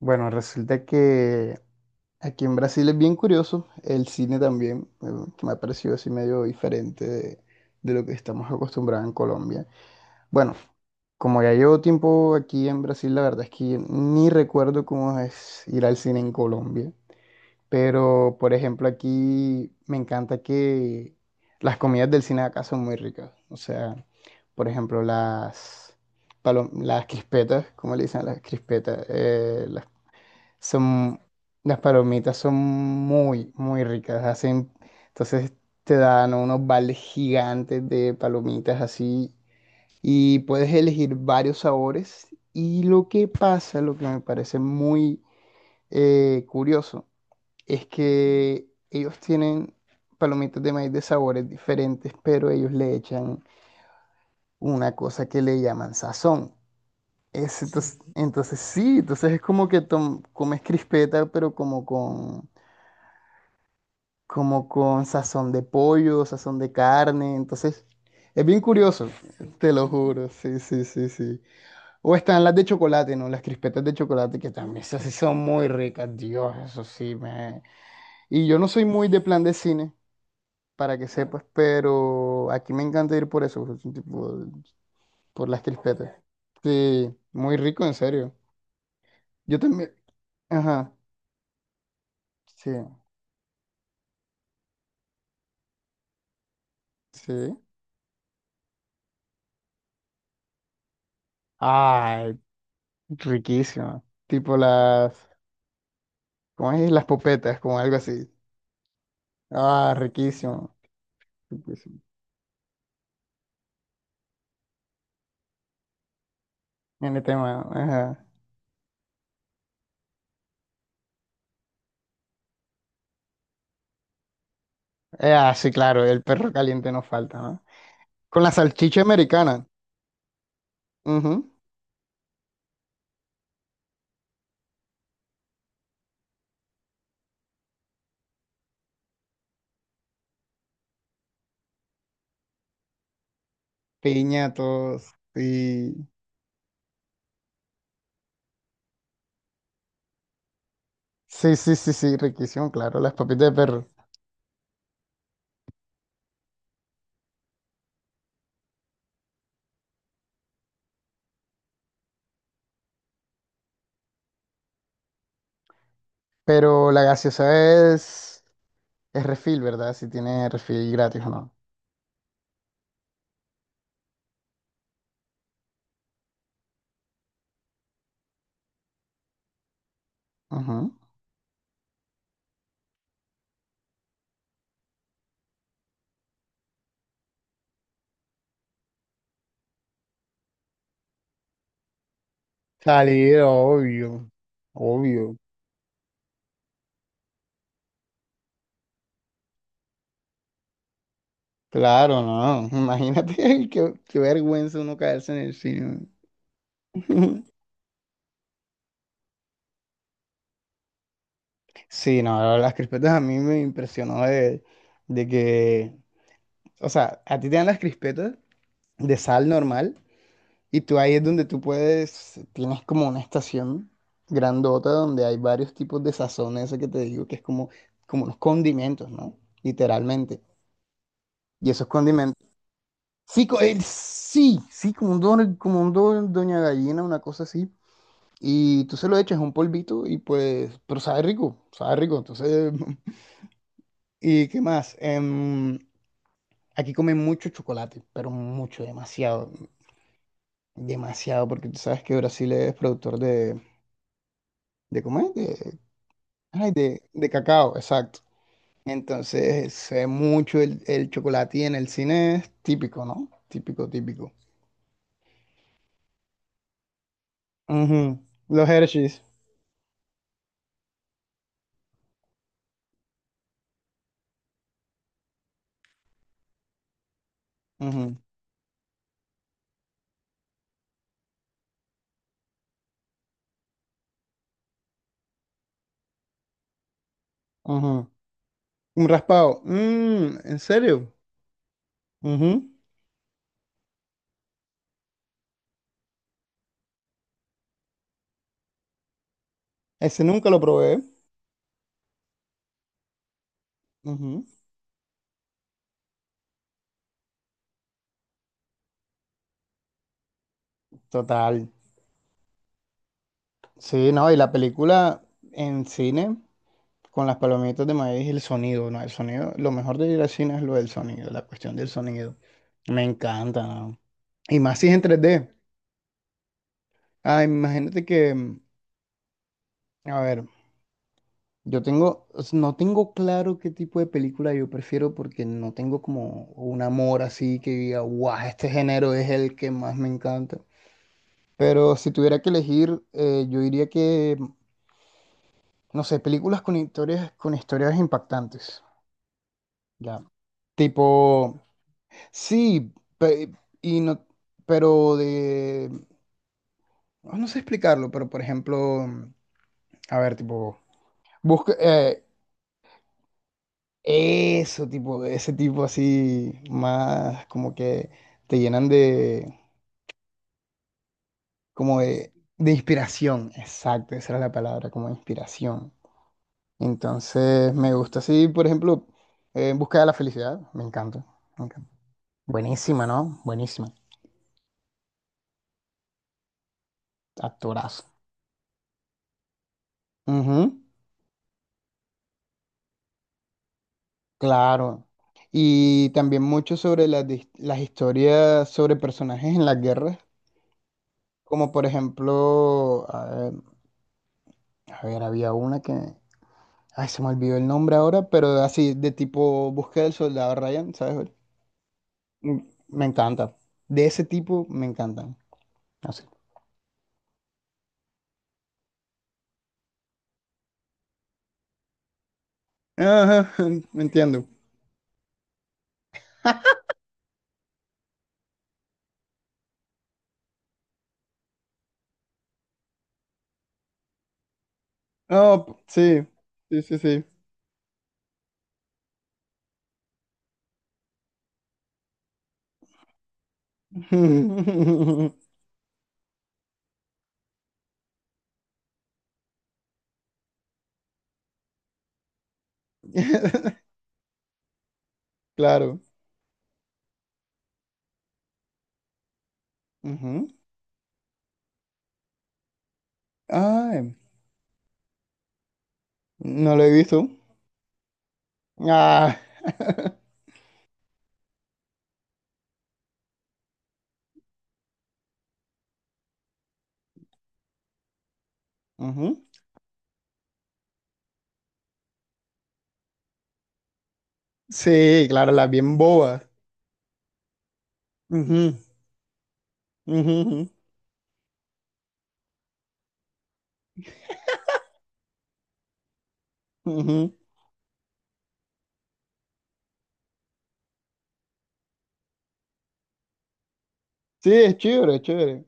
Bueno, resulta que aquí en Brasil es bien curioso, el cine también, que me ha parecido así medio diferente de lo que estamos acostumbrados en Colombia. Bueno, como ya llevo tiempo aquí en Brasil, la verdad es que ni recuerdo cómo es ir al cine en Colombia, pero por ejemplo aquí me encanta que las comidas del cine de acá son muy ricas, o sea, por ejemplo las... Las crispetas, ¿cómo le dicen a las crispetas? Las son, las palomitas son muy, muy ricas. Hacen, entonces te dan unos vales gigantes de palomitas así y puedes elegir varios sabores. Y lo que pasa, lo que me parece muy curioso, es que ellos tienen palomitas de maíz de sabores diferentes, pero ellos le echan una cosa que le llaman sazón. Es, entonces sí, entonces es como que comes crispeta, pero como con sazón de pollo, sazón de carne, entonces es bien curioso, te lo juro, sí, sí, sí, sí. O están las de chocolate, ¿no? Las crispetas de chocolate, que también esas sí son muy ricas, Dios, eso sí, me... Y yo no soy muy de plan de cine, para que sepas, pero aquí me encanta ir por eso, tipo, por las crispetas. Sí, muy rico, en serio. Yo también, ajá, sí, sí. Ay, riquísimo. Tipo las... ¿Cómo es? Las popetas como algo así. Ah, riquísimo. Riquísimo. En el tema, ajá. Sí, claro, el perro caliente no falta, ¿no? Con la salchicha americana. Ujú. Piñatos. Sí. Sí, sí, sí, sí, riquísimo, claro, las papitas de perro. Pero la gaseosa es refil, ¿verdad? Si tiene refil gratis o no. Ujú. Salir, obvio. Obvio. Claro, no. Imagínate qué, qué vergüenza uno caerse en el cine. Sí, no, las crispetas a mí me impresionó de que, o sea, a ti te dan las crispetas de sal normal y tú ahí es donde tú puedes, tienes como una estación grandota donde hay varios tipos de sazón, eso que te digo, que es como, como unos condimentos, ¿no? Literalmente. Y esos condimentos. Sí, sí, sí, como un, don, como un doña gallina, una cosa así. Y tú se lo echas un polvito y pues, pero sabe rico, entonces... ¿Y qué más? Aquí comen mucho chocolate, pero mucho, demasiado, demasiado, porque tú sabes que Brasil es productor de ¿cómo es? De, ay, de cacao, exacto. Entonces se ve mucho el chocolate y en el cine es típico, ¿no? Típico, típico. Ujú. Los Hershey's. Ujú, ujú. Un raspado. Mm, ¿en serio? Ujú. Ese nunca lo probé. Ujú. Total. Sí, no, y la película en cine con las palomitas de maíz y el sonido, ¿no? El sonido, lo mejor de ir al cine es lo del sonido, la cuestión del sonido. Me encanta, ¿no? Y más si es en 3D. Ah, imagínate que, a ver, no tengo claro qué tipo de película yo prefiero porque no tengo como un amor así que diga, guau, este género es el que más me encanta. Pero si tuviera que elegir, yo diría que, no sé, películas con historias impactantes. Ya. Tipo, sí, pe- no, pero de, oh, no sé explicarlo, pero por ejemplo, a ver, tipo, busca eso, tipo, ese tipo así, más como que te llenan de, como de inspiración, exacto, esa era la palabra, como inspiración. Entonces, me gusta así, por ejemplo, En busca de la felicidad, me encanta, me encanta. Buenísima, ¿no? Buenísima, actorazo. Ujú. Claro. Y también mucho sobre las, las historias sobre personajes en las guerras, como por ejemplo, a ver, había una que, ay, se me olvidó el nombre ahora, pero así de tipo Búsqueda del Soldado Ryan, ¿sabes? ¿Cuál? Mm. Me encanta. De ese tipo me encantan. Así. Ajá, me entiendo. Oh, sí, sí, sí, sí. Claro. Ujú. Ay, no lo he visto. Ah. Ujú. Sí, claro, las bien bobas. Ujú, ujú, ujú, ujú. Sí, es chévere, es chévere.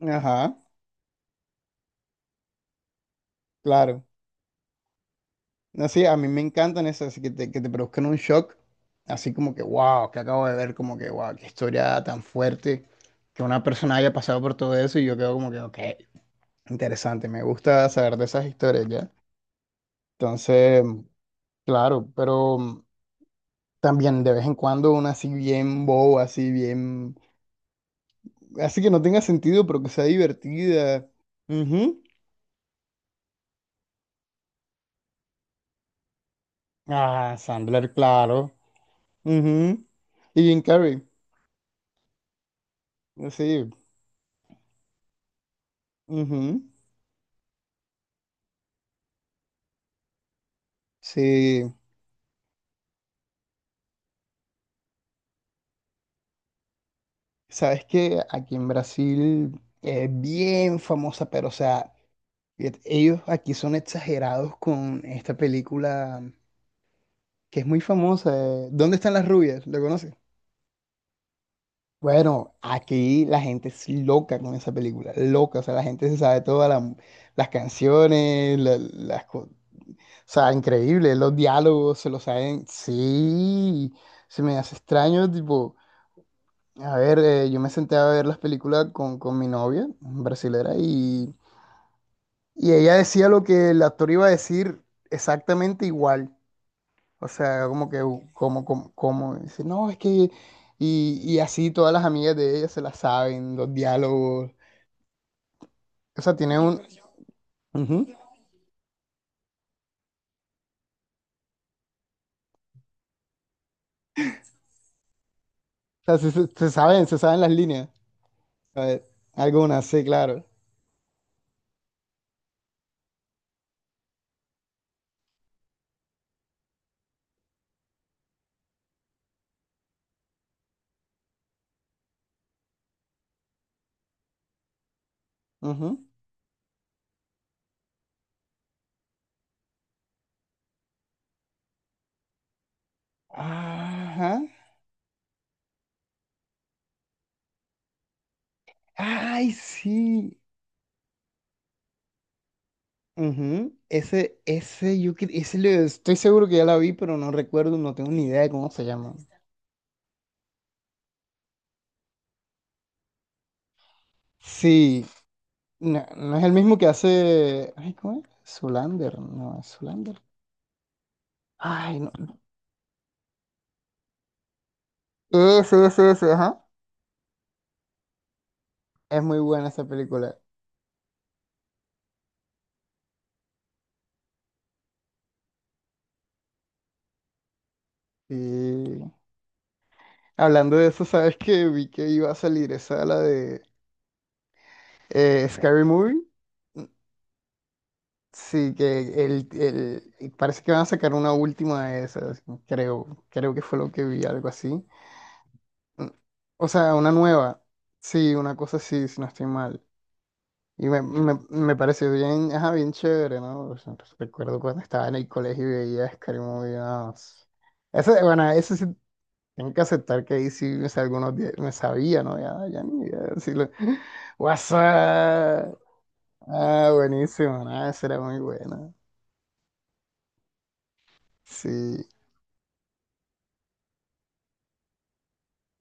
Ajá, claro. No, sí, a mí me encantan esas que te produzcan un shock, así como que, wow, que acabo de ver, como que, wow, qué historia tan fuerte, que una persona haya pasado por todo eso y yo quedo como que, ok, interesante, me gusta saber de esas historias, ¿ya? Entonces, claro, pero también de vez en cuando una así bien boba, así bien Así que no tenga sentido, pero que sea divertida. Ujú. Ah, Sandler, claro. Ujú. Y Jim Carrey. Sí. Ujú. Sí. Sabes que aquí en Brasil es bien famosa, pero o sea, ellos aquí son exagerados con esta película que es muy famosa. Eh, ¿Dónde están las rubias? ¿Lo conoces? Bueno, aquí la gente es loca con esa película, loca, o sea, la gente se sabe todas las canciones, las, sea, increíble, los diálogos se lo saben. Sí, se me hace extraño, tipo, a ver, yo me senté a ver las películas con mi novia, brasilera, y ella decía lo que el actor iba a decir exactamente igual. O sea, como que, como, dice, no, es que, y así todas las amigas de ella se las saben, los diálogos. O sea, tiene un... Ujú. O sea, se saben las líneas. A ver, algunas, sí, claro. Ujú. Ajá. Ay, sí. Ujú. Ese, yo cre- ese le- estoy seguro que ya la vi, pero no recuerdo, no tengo ni idea de cómo se llama. Sí, no, no es el mismo que hace. Ay, ¿cómo es? Zoolander, no, es Zoolander. Ay, no. Ese, ajá. Es muy buena esa película. Y hablando de eso, ¿sabes que vi que iba a salir esa, la de Scary Movie. Sí, que parece que van a sacar una última de esas, creo, creo que fue lo que vi, algo así. Mm, o sea, una nueva, sí, una cosa así, si no estoy mal. Y me pareció bien, ajá, bien chévere, ¿no? O sea, recuerdo cuando estaba en el colegio y veía Scary Movie, no, s- Eso, bueno, eso sí, tengo que aceptar que ahí sí me, algunos días me sabía, ¿no? Ya, ya ni idea, sí lo... What's up? Ah, buenísimo, ¿no? Eso era muy bueno. Sí.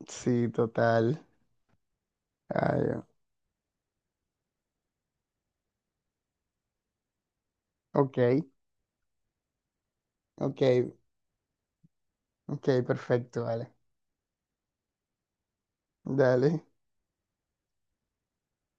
Sí, total. Ay, ok, ok, ok, perfecto, vale. Dale.